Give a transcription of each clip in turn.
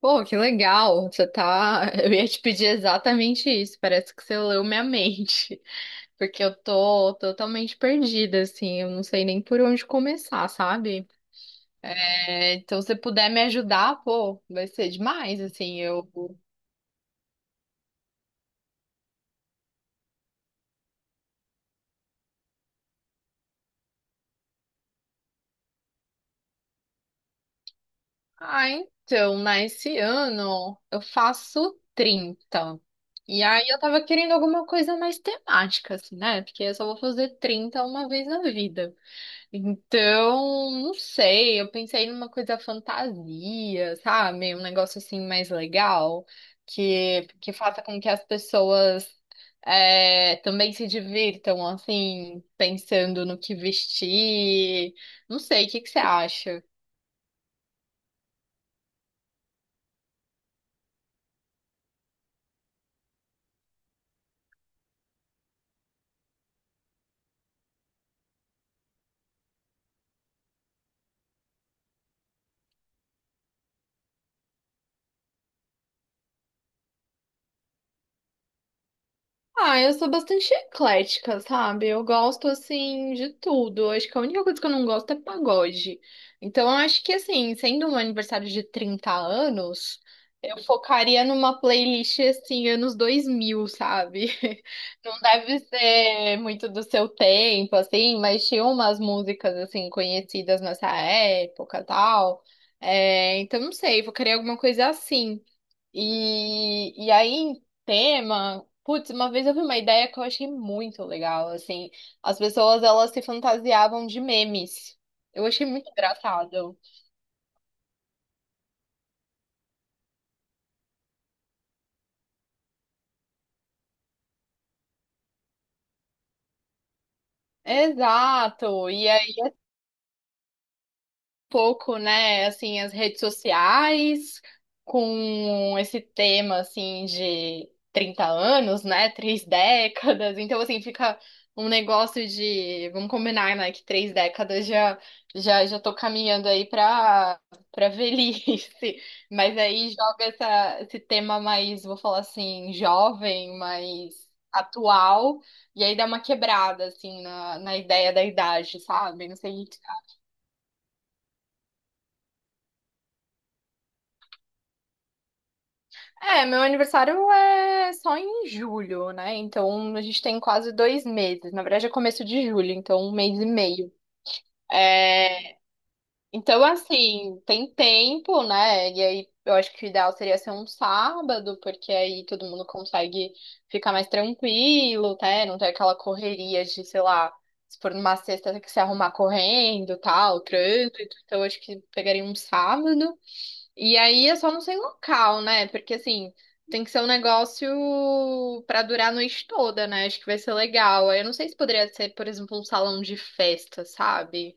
Pô, que legal. Você tá. Eu ia te pedir exatamente isso. Parece que você leu minha mente. Porque eu tô totalmente perdida, assim. Eu não sei nem por onde começar, sabe? É, então, se você puder me ajudar, pô, vai ser demais, assim. Eu. Ah, então, né? Esse ano eu faço 30. E aí eu tava querendo alguma coisa mais temática, assim, né? Porque eu só vou fazer 30 uma vez na vida. Então, não sei, eu pensei numa coisa fantasia, sabe? Um negócio assim mais legal, que faça com que as pessoas é, também se divirtam, assim, pensando no que vestir. Não sei, o que que você acha? Ah, eu sou bastante eclética, sabe? Eu gosto, assim, de tudo. Eu Acho que a única coisa que eu não gosto é pagode. Então, eu acho que, assim, sendo um aniversário de 30 anos, eu focaria numa playlist, assim, anos 2000, sabe? Não deve ser muito do seu tempo, assim, mas tinha umas músicas, assim, conhecidas nessa época, e tal. É, então, não sei, focaria alguma coisa assim. E aí, em tema, putz, uma vez eu vi uma ideia que eu achei muito legal, assim, as pessoas, elas se fantasiavam de memes. Eu achei muito engraçado. Exato. E pouco, né, assim, as redes sociais com esse tema, assim, de 30 anos, né, três décadas. Então, assim, fica um negócio de, vamos combinar, né, que três décadas já tô caminhando aí para velhice. Mas aí joga esse tema mais, vou falar assim, jovem, mais atual, e aí dá uma quebrada, assim, na ideia da idade, sabe? Não sei. É, meu aniversário é só em julho, né? Então a gente tem quase 2 meses. Na verdade, é começo de julho, então um mês e meio. É, então, assim, tem tempo, né? E aí eu acho que o ideal seria ser um sábado, porque aí todo mundo consegue ficar mais tranquilo, né? Não ter aquela correria de, sei lá, se for numa sexta, ter que se arrumar correndo, tal, trânsito. Então, eu acho que pegaria um sábado. E aí eu só não sei o local, né? Porque assim, tem que ser um negócio pra durar a noite toda, né? Acho que vai ser legal. Aí eu não sei se poderia ser, por exemplo, um salão de festa, sabe?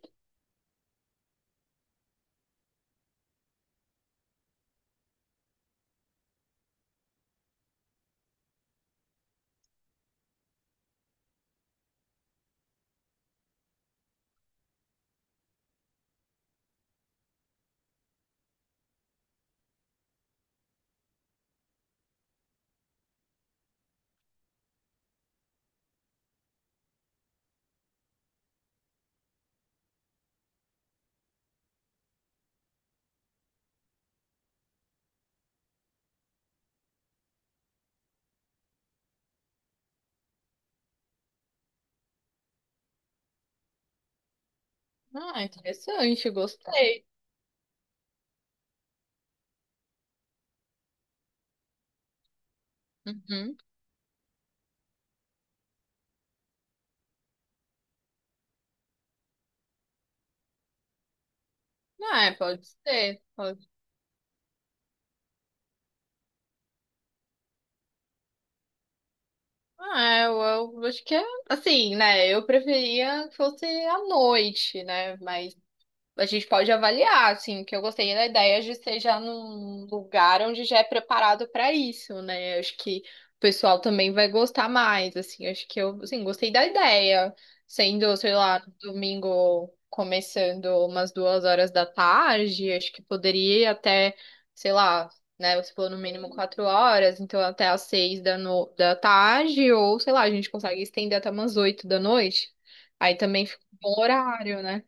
Ah, interessante, gostei. Uhum. Ah, é, pode ser. Pode... Ah, eu, eu acho que é assim, né? Eu preferia que fosse à noite, né? Mas a gente pode avaliar, assim, que eu gostei da ideia de ser já num lugar onde já é preparado para isso, né? Eu Acho que o pessoal também vai gostar mais, assim. Eu Acho que eu, assim, gostei da ideia, sendo, sei lá, domingo começando umas 2 horas da tarde, acho que poderia até, sei lá, né? Você falou no mínimo 4 horas, então até às 6 da, no... da tarde, ou sei lá, a gente consegue estender até umas 8 da noite. Aí também fica um bom horário, né?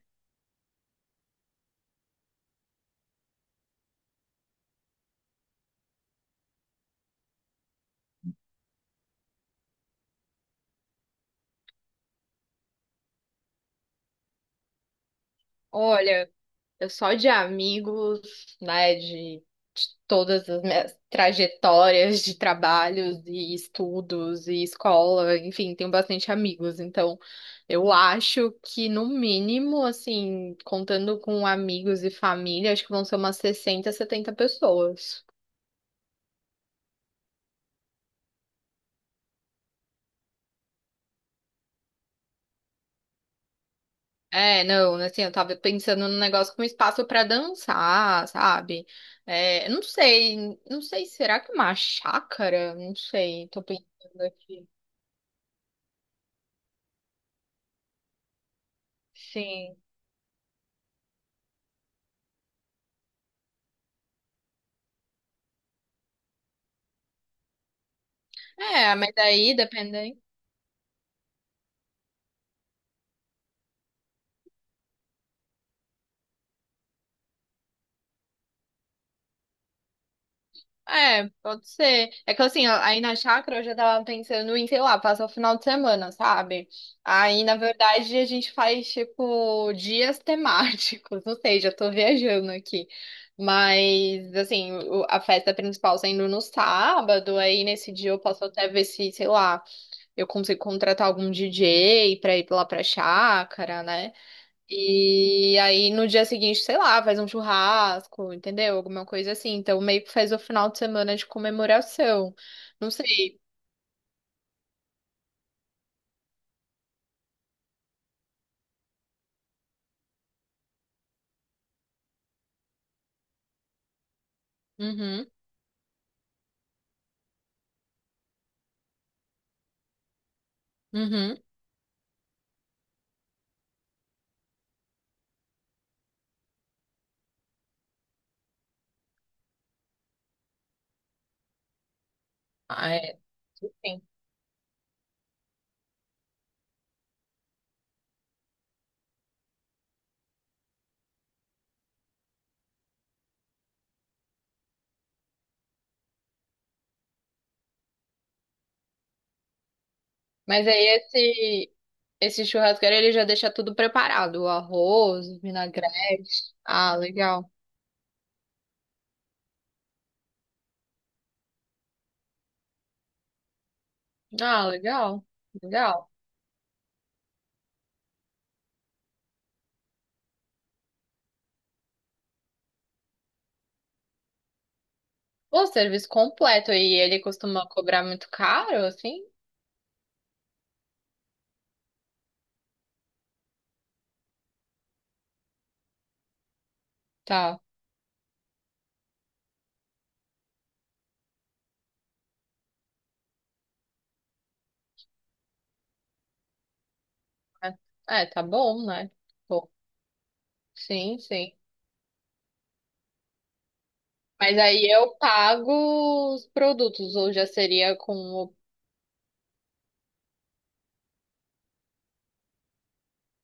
Olha, eu só de amigos, né, de todas as minhas trajetórias de trabalhos e estudos e escola, enfim, tenho bastante amigos. Então, eu acho que no mínimo, assim, contando com amigos e família, acho que vão ser umas 60, 70 pessoas. É, não, assim, eu tava pensando num negócio com espaço pra dançar, sabe? É, não sei, será que uma chácara? Não sei, tô pensando aqui. Sim. É, mas daí dependendo. É, pode ser. É que assim, ó, aí na chácara eu já tava pensando em, sei lá, passar o final de semana, sabe? Aí, na verdade, a gente faz, tipo, dias temáticos. Não sei, já tô viajando aqui. Mas, assim, a festa principal sendo no sábado, aí nesse dia eu posso até ver se, sei lá, eu consigo contratar algum DJ pra ir lá pra chácara, né? E aí no dia seguinte, sei lá, faz um churrasco, entendeu? Alguma coisa assim. Então meio que faz o final de semana de comemoração. Não sei. Uhum, uhum. Ah, é. Sim. Mas aí esse churrasqueiro ele já deixa tudo preparado, o arroz, o vinagrete. Ah, legal. Ah, legal. Legal. O serviço completo e ele costuma cobrar muito caro, assim? Tá. É, é, tá bom, né? Pô, sim, sim. Mas aí eu pago os produtos, ou já seria com o.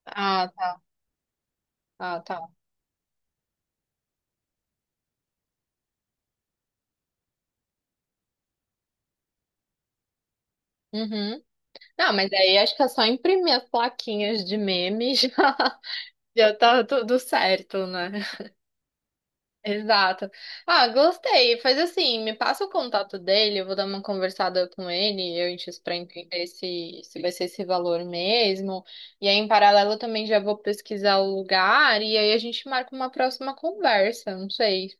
Ah, tá, ah, tá. Uhum. Não, mas aí acho que é só imprimir as plaquinhas de meme já. Já tá tudo certo, né? Exato. Ah, gostei. Faz assim, me passa o contato dele, eu vou dar uma conversada com ele, eu enxo pra entender se vai ser esse valor mesmo. E aí, em paralelo, eu também já vou pesquisar o lugar e aí a gente marca uma próxima conversa, não sei.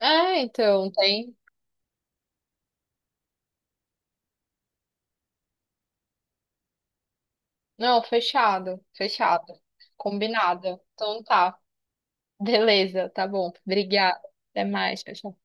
É, então, tem. Não, fechado, fechado. Combinado. Então tá. Beleza, tá bom. Obrigada. Até mais, pessoal.